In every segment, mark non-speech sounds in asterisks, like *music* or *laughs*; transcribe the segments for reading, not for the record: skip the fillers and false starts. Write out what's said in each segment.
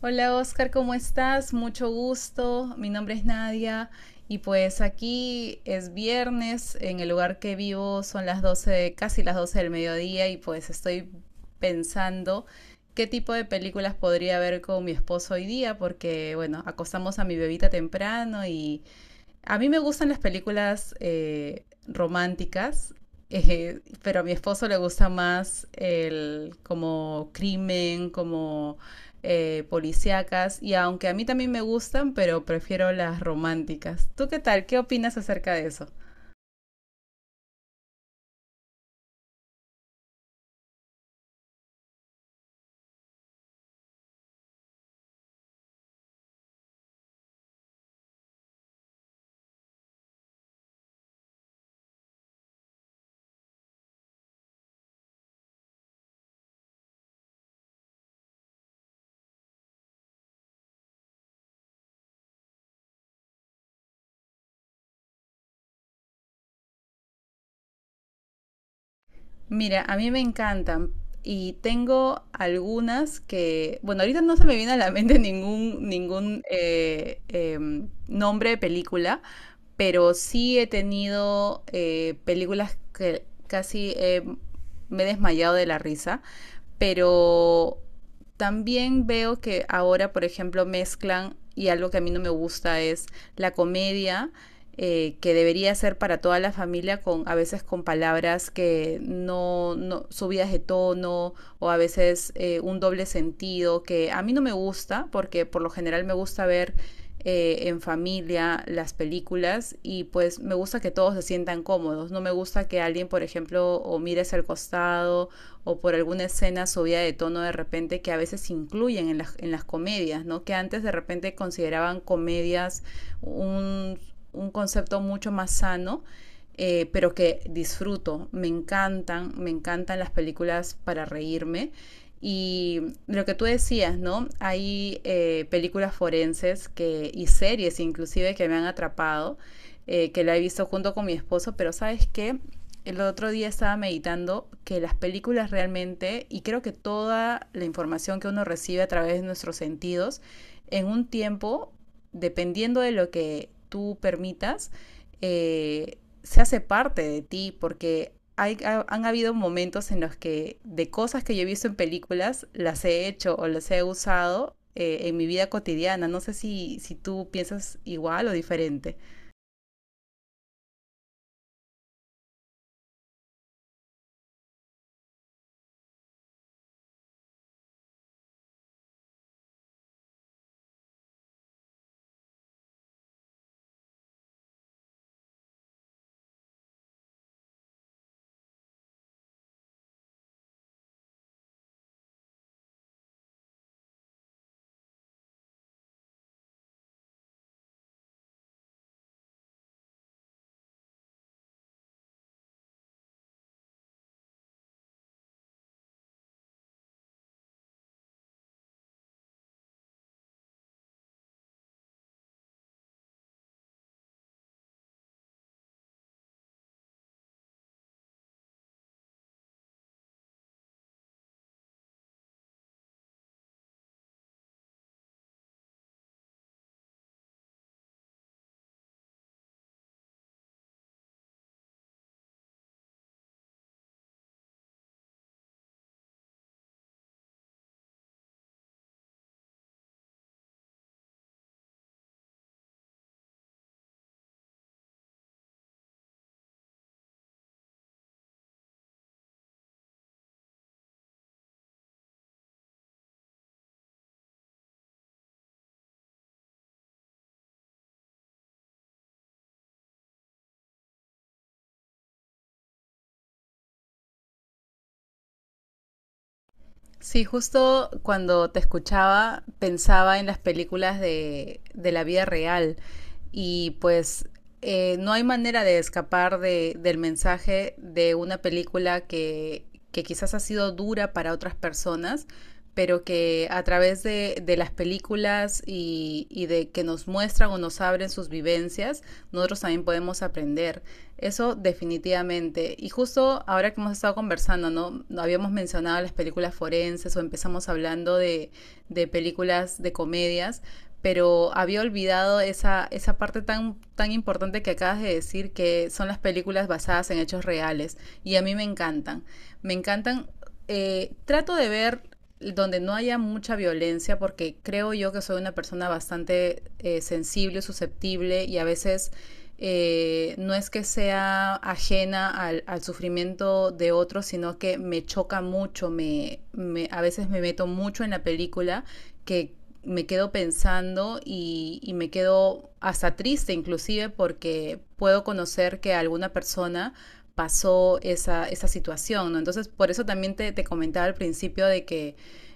Hola Oscar, ¿cómo estás? Mucho gusto. Mi nombre es Nadia y pues aquí es viernes. En el lugar que vivo son las 12, casi las 12 del mediodía y pues estoy pensando qué tipo de películas podría ver con mi esposo hoy día porque bueno, acostamos a mi bebita temprano y a mí me gustan las películas románticas, pero a mi esposo le gusta más el como crimen, como policíacas, y aunque a mí también me gustan, pero prefiero las románticas. ¿Tú qué tal? ¿Qué opinas acerca de eso? Mira, a mí me encantan y tengo algunas que, bueno, ahorita no se me viene a la mente *laughs* ningún nombre de película, pero sí he tenido películas que casi me he desmayado de la risa, pero también veo que ahora, por ejemplo, mezclan, y algo que a mí no me gusta es la comedia que debería ser para toda la familia, con a veces con palabras que no subidas de tono o a veces un doble sentido, que a mí no me gusta, porque por lo general me gusta ver en familia las películas y pues me gusta que todos se sientan cómodos. No me gusta que alguien, por ejemplo, o mires al costado o por alguna escena subida de tono de repente que a veces incluyen en en las comedias, ¿no? Que antes de repente consideraban comedias un, un concepto mucho más sano, pero que disfruto. Me encantan las películas para reírme. Y lo que tú decías, ¿no? Hay películas forenses que, y series inclusive que me han atrapado, que la he visto junto con mi esposo, pero sabes qué, el otro día estaba meditando que las películas realmente, y creo que toda la información que uno recibe a través de nuestros sentidos, en un tiempo dependiendo de lo que tú permitas, se hace parte de ti, porque han habido momentos en los que de cosas que yo he visto en películas, las he hecho o las he usado en mi vida cotidiana. No sé si tú piensas igual o diferente. Sí, justo cuando te escuchaba pensaba en las películas de la vida real y pues no hay manera de escapar del mensaje de una película que quizás ha sido dura para otras personas, pero que a través de las películas y de que nos muestran o nos abren sus vivencias, nosotros también podemos aprender. Eso definitivamente. Y justo ahora que hemos estado conversando, ¿no? Habíamos mencionado las películas forenses o empezamos hablando de películas de comedias, pero había olvidado esa parte tan importante que acabas de decir, que son las películas basadas en hechos reales. Y a mí me encantan. Me encantan. Trato de ver donde no haya mucha violencia, porque creo yo que soy una persona bastante sensible, susceptible y a veces no es que sea ajena sufrimiento de otros, sino que me choca mucho, a veces me meto mucho en la película que me quedo pensando y me quedo hasta triste inclusive porque puedo conocer que alguna persona pasó esa situación, ¿no? Entonces, por eso también te comentaba al principio de que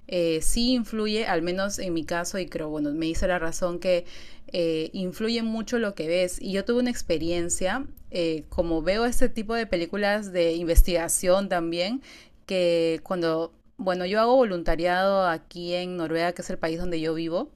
sí influye, al menos en mi caso, y creo, bueno, me hice la razón que influye mucho lo que ves. Y yo tuve una experiencia, como veo este tipo de películas de investigación también, que cuando, bueno, yo hago voluntariado aquí en Noruega, que es el país donde yo vivo,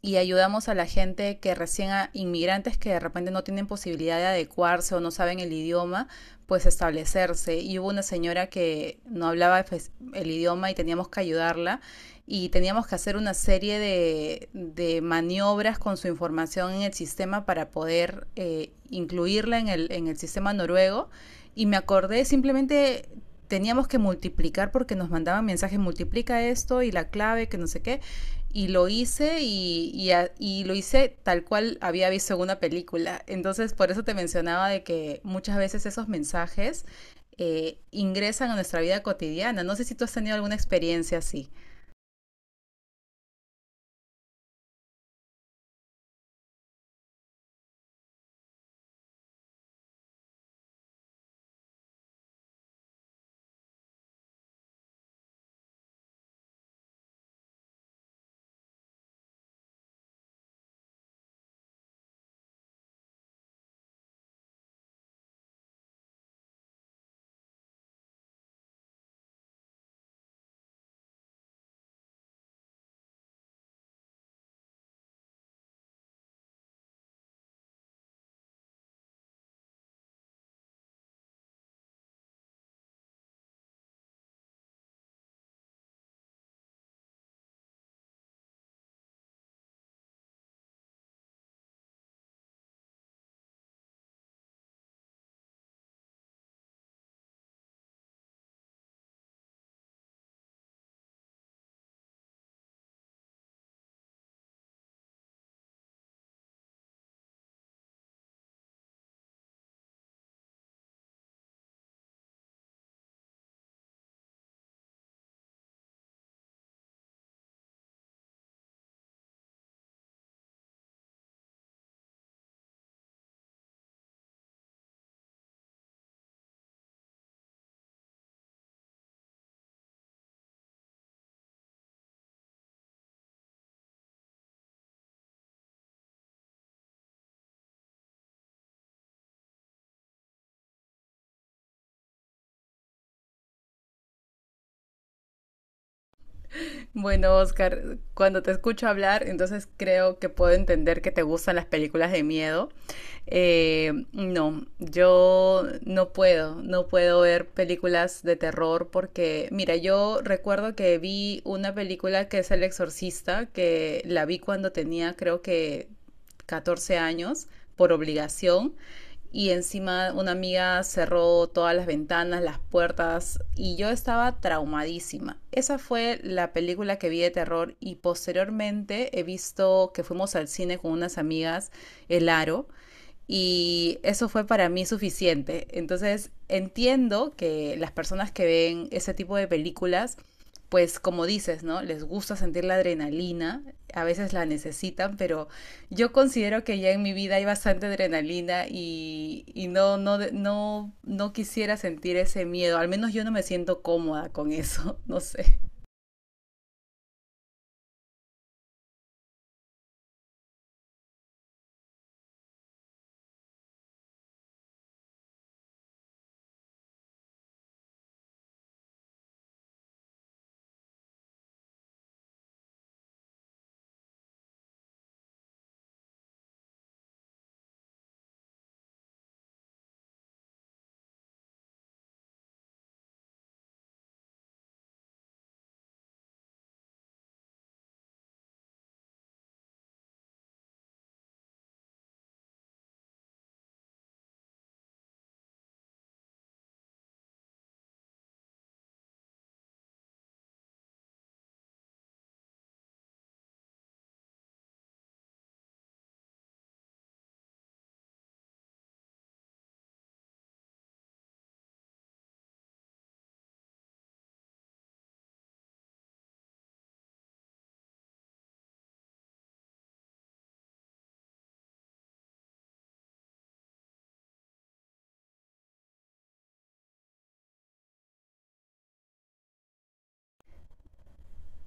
y ayudamos a la gente que recién, a inmigrantes que de repente no tienen posibilidad de adecuarse o no saben el idioma, pues establecerse. Y hubo una señora que no hablaba pues, el idioma y teníamos que ayudarla y teníamos que hacer una serie de maniobras con su información en el sistema para poder incluirla en en el sistema noruego. Y me acordé simplemente teníamos que multiplicar porque nos mandaban mensajes, multiplica esto y la clave, que no sé qué y lo hice y lo hice tal cual había visto en una película. Entonces, por eso te mencionaba de que muchas veces esos mensajes ingresan a nuestra vida cotidiana. No sé si tú has tenido alguna experiencia así. Bueno, Oscar, cuando te escucho hablar, entonces creo que puedo entender que te gustan las películas de miedo. No, yo no puedo, no puedo ver películas de terror porque, mira, yo recuerdo que vi una película que es El Exorcista, que la vi cuando tenía creo que 14 años por obligación y encima una amiga cerró todas las ventanas, las puertas y yo estaba traumadísima. Esa fue la película que vi de terror y posteriormente he visto que fuimos al cine con unas amigas, El Aro, y eso fue para mí suficiente. Entonces entiendo que las personas que ven ese tipo de películas, pues como dices, ¿no? Les gusta sentir la adrenalina, a veces la necesitan, pero yo considero que ya en mi vida hay bastante adrenalina y no quisiera sentir ese miedo, al menos yo no me siento cómoda con eso, *laughs* no sé.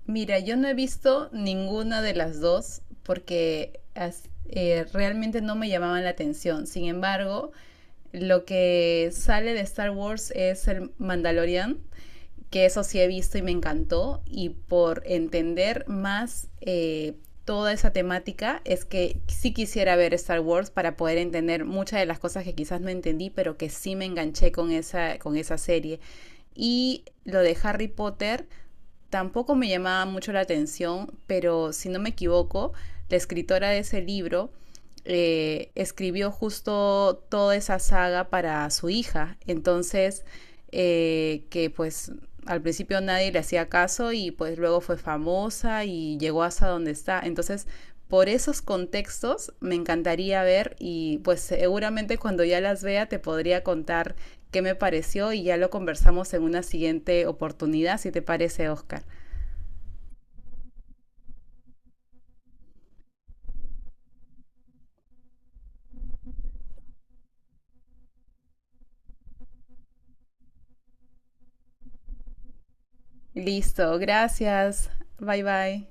Mira, yo no he visto ninguna de las dos porque realmente no me llamaban la atención. Sin embargo, lo que sale de Star Wars es el Mandalorian, que eso sí he visto y me encantó. Y por entender más toda esa temática, es que sí quisiera ver Star Wars para poder entender muchas de las cosas que quizás no entendí, pero que sí me enganché con con esa serie. Y lo de Harry Potter. Tampoco me llamaba mucho la atención, pero si no me equivoco, la escritora de ese libro escribió justo toda esa saga para su hija. Entonces, que pues al principio nadie le hacía caso y pues luego fue famosa y llegó hasta donde está. Entonces, por esos contextos me encantaría ver y pues seguramente cuando ya las vea te podría contar qué me pareció y ya lo conversamos en una siguiente oportunidad, si te parece, Oscar. Listo, gracias. Bye bye.